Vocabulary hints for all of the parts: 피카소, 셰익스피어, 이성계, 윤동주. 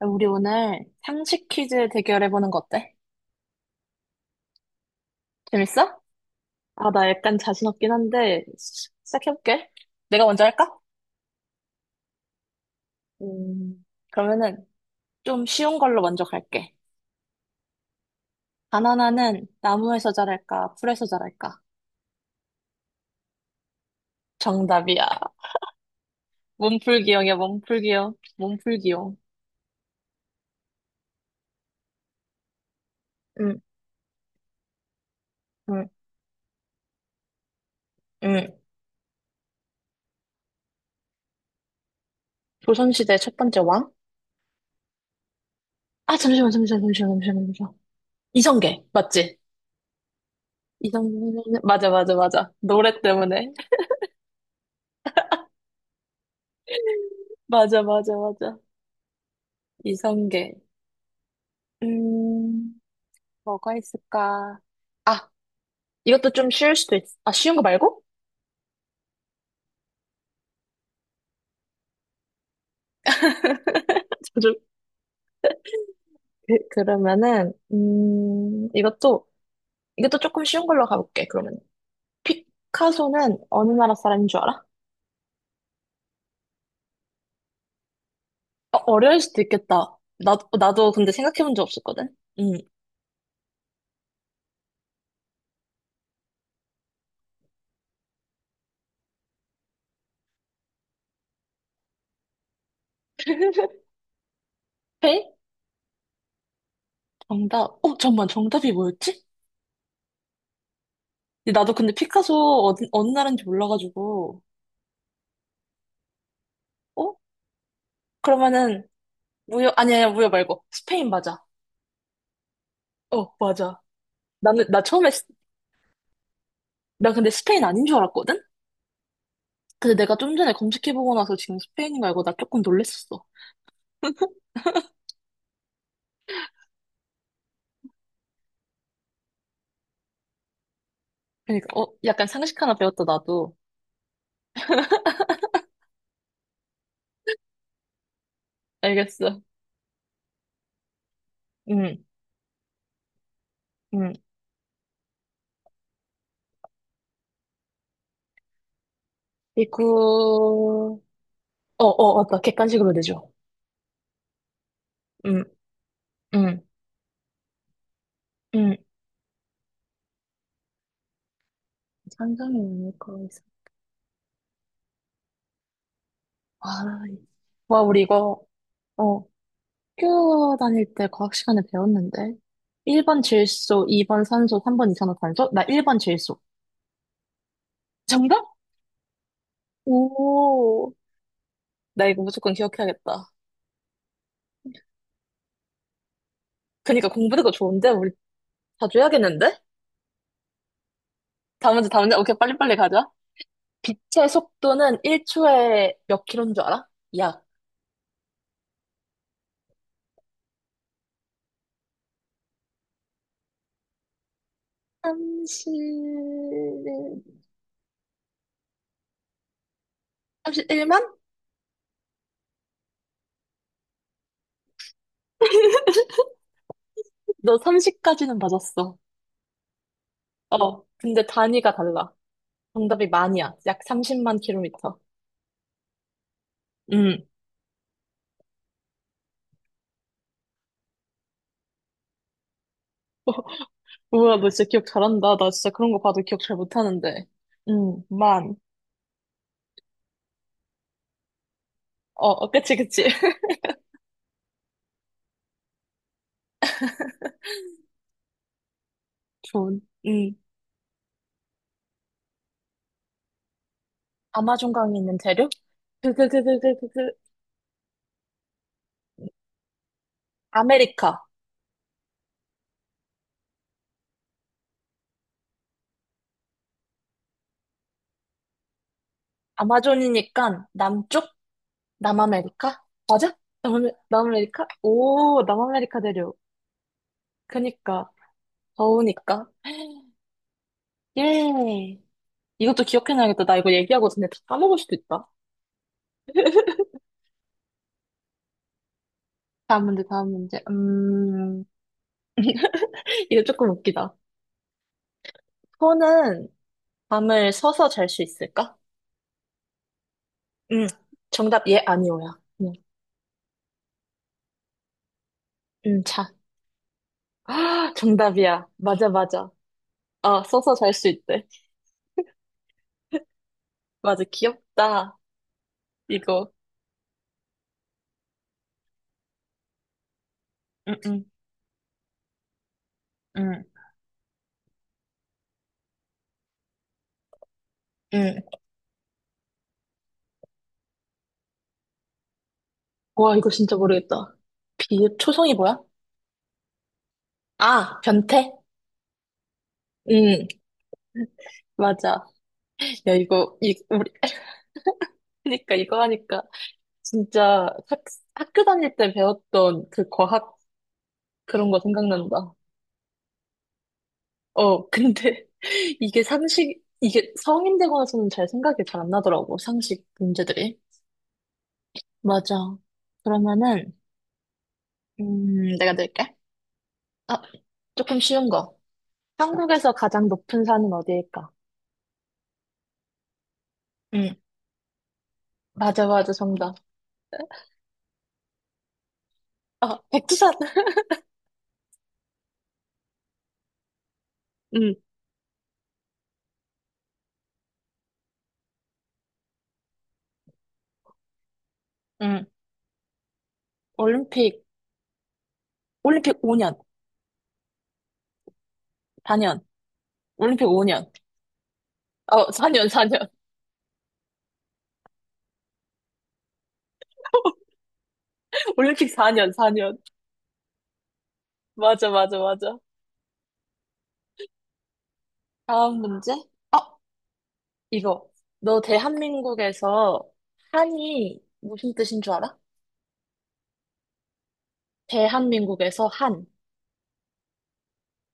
우리 오늘 상식 퀴즈 대결해보는 거 어때? 재밌어? 아, 나 약간 자신 없긴 한데, 시작해볼게. 내가 먼저 할까? 음, 그러면은 좀 쉬운 걸로 먼저 갈게. 바나나는 나무에서 자랄까, 풀에서 자랄까? 정답이야. 몸풀기용이야 몸풀기용 몸풀기용. 응, 응, 응. 조선시대 첫 번째 왕? 아, 잠시만, 잠시만, 잠시만, 잠시만, 잠시만. 이성계, 맞지? 이성계, 맞아, 맞아, 맞아. 노래 때문에. 맞아, 맞아, 맞아. 이성계. 음, 뭐가 있을까? 아, 이것도 좀 쉬울 수도 아, 쉬운 거 말고? 좀- 그러면은, 이것도 조금 쉬운 걸로 가볼게, 그러면. 피카소는 어느 나라 사람인 줄 알아? 어, 어려울 수도 있겠다. 나도 근데 생각해 본 적 없었거든? 음. 페이? 정답. 잠깐만, 정답이 뭐였지? 근데 나도 근데 피카소 어디, 어느 나라인지 몰라가지고. 어? 그러면은, 무효, 아니야, 아니 무효 말고. 스페인 맞아. 어, 맞아. 나는, 나 처음에 나 근데 스페인 아닌 줄 알았거든? 근데 내가 좀 전에 검색해보고 나서 지금 스페인인 거 알고 나 조금 놀랬었어. 그러니까, 약간 상식 하나 배웠다, 나도. 알겠어. 응, 응. 이구, 어, 어, 맞다. 객관식으로 되죠. 응, 응, 응. 상상이 오늘 거 있어. 와, 이- 와, 우리 이거, 어, 학교 다닐 때 과학 시간에 배웠는데. 1번 질소, 2번 산소, 3번 이산화탄소? 나 1번 질소. 정답? 오, 나 이거 무조건 기억해야겠다. 그니까 공부그거 좋은데? 우리 자주 해야겠는데? 다음 문제, 다음 문제. 오케이, 빨리빨리 가자. 빛의 속도는 1초에 몇 킬로인 줄 알아? 약 30... 31만? 너 30까지는 맞았어. 어, 근데 단위가 달라. 정답이 만이야. 약 30만 킬로미터. 음. 우와, 너 진짜 기억 잘한다. 나 진짜 그런 거 봐도 기억 잘 못하는데. 만. 어, 어, 그치, 그치. 좋은. 음. 아마존 강에 있는 대륙? 그, 그, 그, 그, 그, 그, 그, 그, 아메리카. 아마존이니까 남쪽? 남아메리카? 맞아? 남아메리카? 오, 남아메리카 대륙. 그니까, 더우니까. 예. 이것도 기억해놔야겠다. 나 이거 얘기하고 전에 다 까먹을 수도 있다. 다음 문제, 다음 문제. 이거 조금 웃기다. 소는 밤을 서서 잘 수 있을까? 응. 정답, 예, 아니오야. 응, 응, 자. 아, 정답이야. 맞아, 맞아. 아, 서서 잘 수 있대. 맞아, 귀엽다. 이거. 응, 응, 응. 응. 와, 이거 진짜 모르겠다. 비읍 초성이 뭐야? 아, 변태? 음, 맞아. 야, 이거, 이, 우리, 하니까, 이거 하니까, 진짜 학, 학교 다닐 때 배웠던 그 과학 그런 거 생각난다. 어, 근데 이게 성인 되고 나서는 잘 생각이 잘 안 나더라고, 상식 문제들이. 맞아. 그러면은, 내가 낼게. 아, 조금 쉬운 거. 한국에서 가장 높은 산은 어디일까? 응, 맞아, 맞아, 정답. 아, 백두산! 음, 응. 올림픽, 올림픽 5년, 4년, 올림픽 5년. 어, 4년, 4년. 올림픽 4년, 4년. 맞아, 맞아, 맞아. 다음 문제? 어, 이거. 너 대한민국에서 한이 무슨 뜻인 줄 알아? 대한민국에서 한.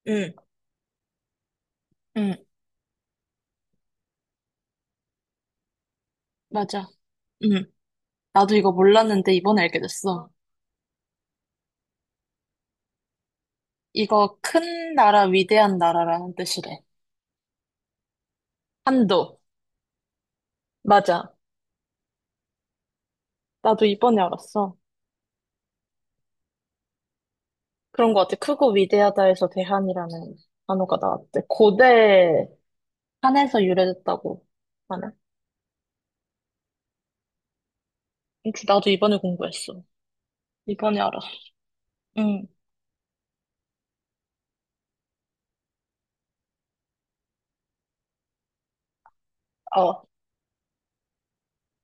응. 응. 맞아. 응. 나도 이거 몰랐는데 이번에 알게 됐어. 이거 큰 나라, 위대한 나라라는 뜻이래. 한도. 맞아. 나도 이번에 알았어. 그런 것 같아. 크고 위대하다에서 대한이라는 단어가 나왔대. 고대 한에서 유래됐다고 하네. 혹시 나도 이번에 공부했어. 이번에 알았어. 응, 어,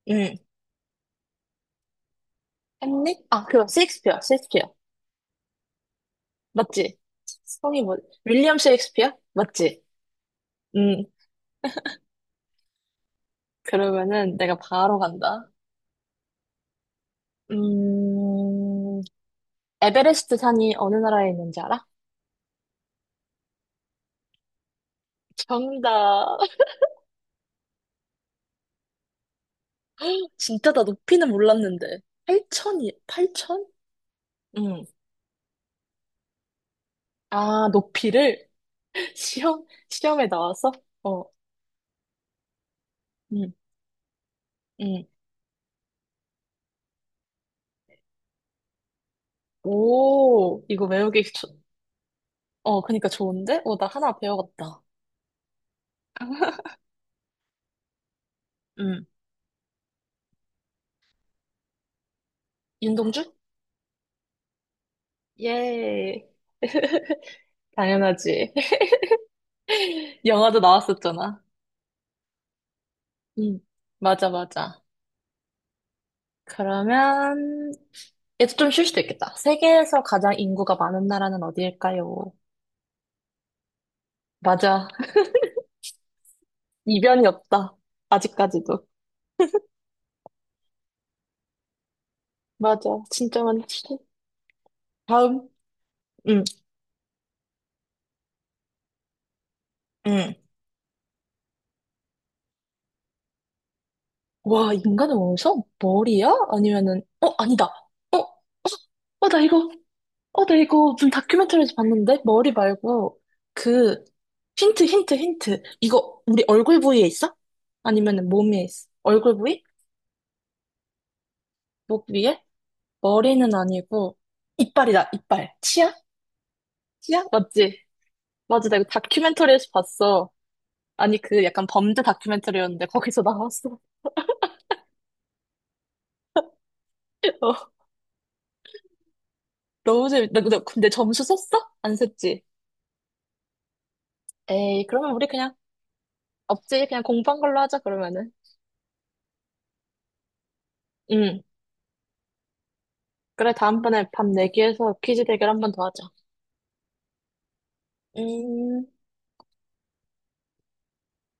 응. 했니? 아, 그거 셰익스피어, 셰익스피어. 맞지? 성이 뭐, 윌리엄 셰익스피어? 맞지? 응. 그러면은 내가 바로 간다. 음, 에베레스트 산이 어느 나라에 있는지 알아? 정답. 진짜 나 높이는 몰랐는데. 8천이, 8천? 응. 아, 높이를? 시험에 나와서? 어, 음, 음. 오, 이거 외우기, 좋... 어, 그니까 좋은데? 어, 나 하나 배워갔다. 음. 윤동주? 예, 당연하지. 영화도 나왔었잖아. 음, 맞아, 맞아. 그러면, 얘도 좀 쉴 수도 있겠다. 세계에서 가장 인구가 많은 나라는 어디일까요? 맞아. 이변이 없다. 아직까지도. 맞아. 진짜 많지. 다음. 응, 응. 와, 인간의 원성? 머리야? 아니면은, 아니다. 어, 어, 나 이거, 나 이거 무슨 다큐멘터리에서 봤는데? 머리 말고, 그, 힌트, 힌트, 힌트. 이거, 우리 얼굴 부위에 있어? 아니면은 몸에 있어? 얼굴 부위? 목 위에? 머리는 아니고, 이빨이다, 이빨. 치아? 치아? 맞지? 맞아, 나 이거 다큐멘터리에서 봤어. 아니, 그 약간 범죄 다큐멘터리였는데, 거기서 나왔어. 어, 너무 재밌다. 근데 점수 썼어? 안 썼지? 에이, 그러면 우리 그냥 없지? 그냥 공부한 걸로 하자, 그러면은. 응. 그래, 다음번에 밤 내기해서 퀴즈 대결 한번 더 하자. 음.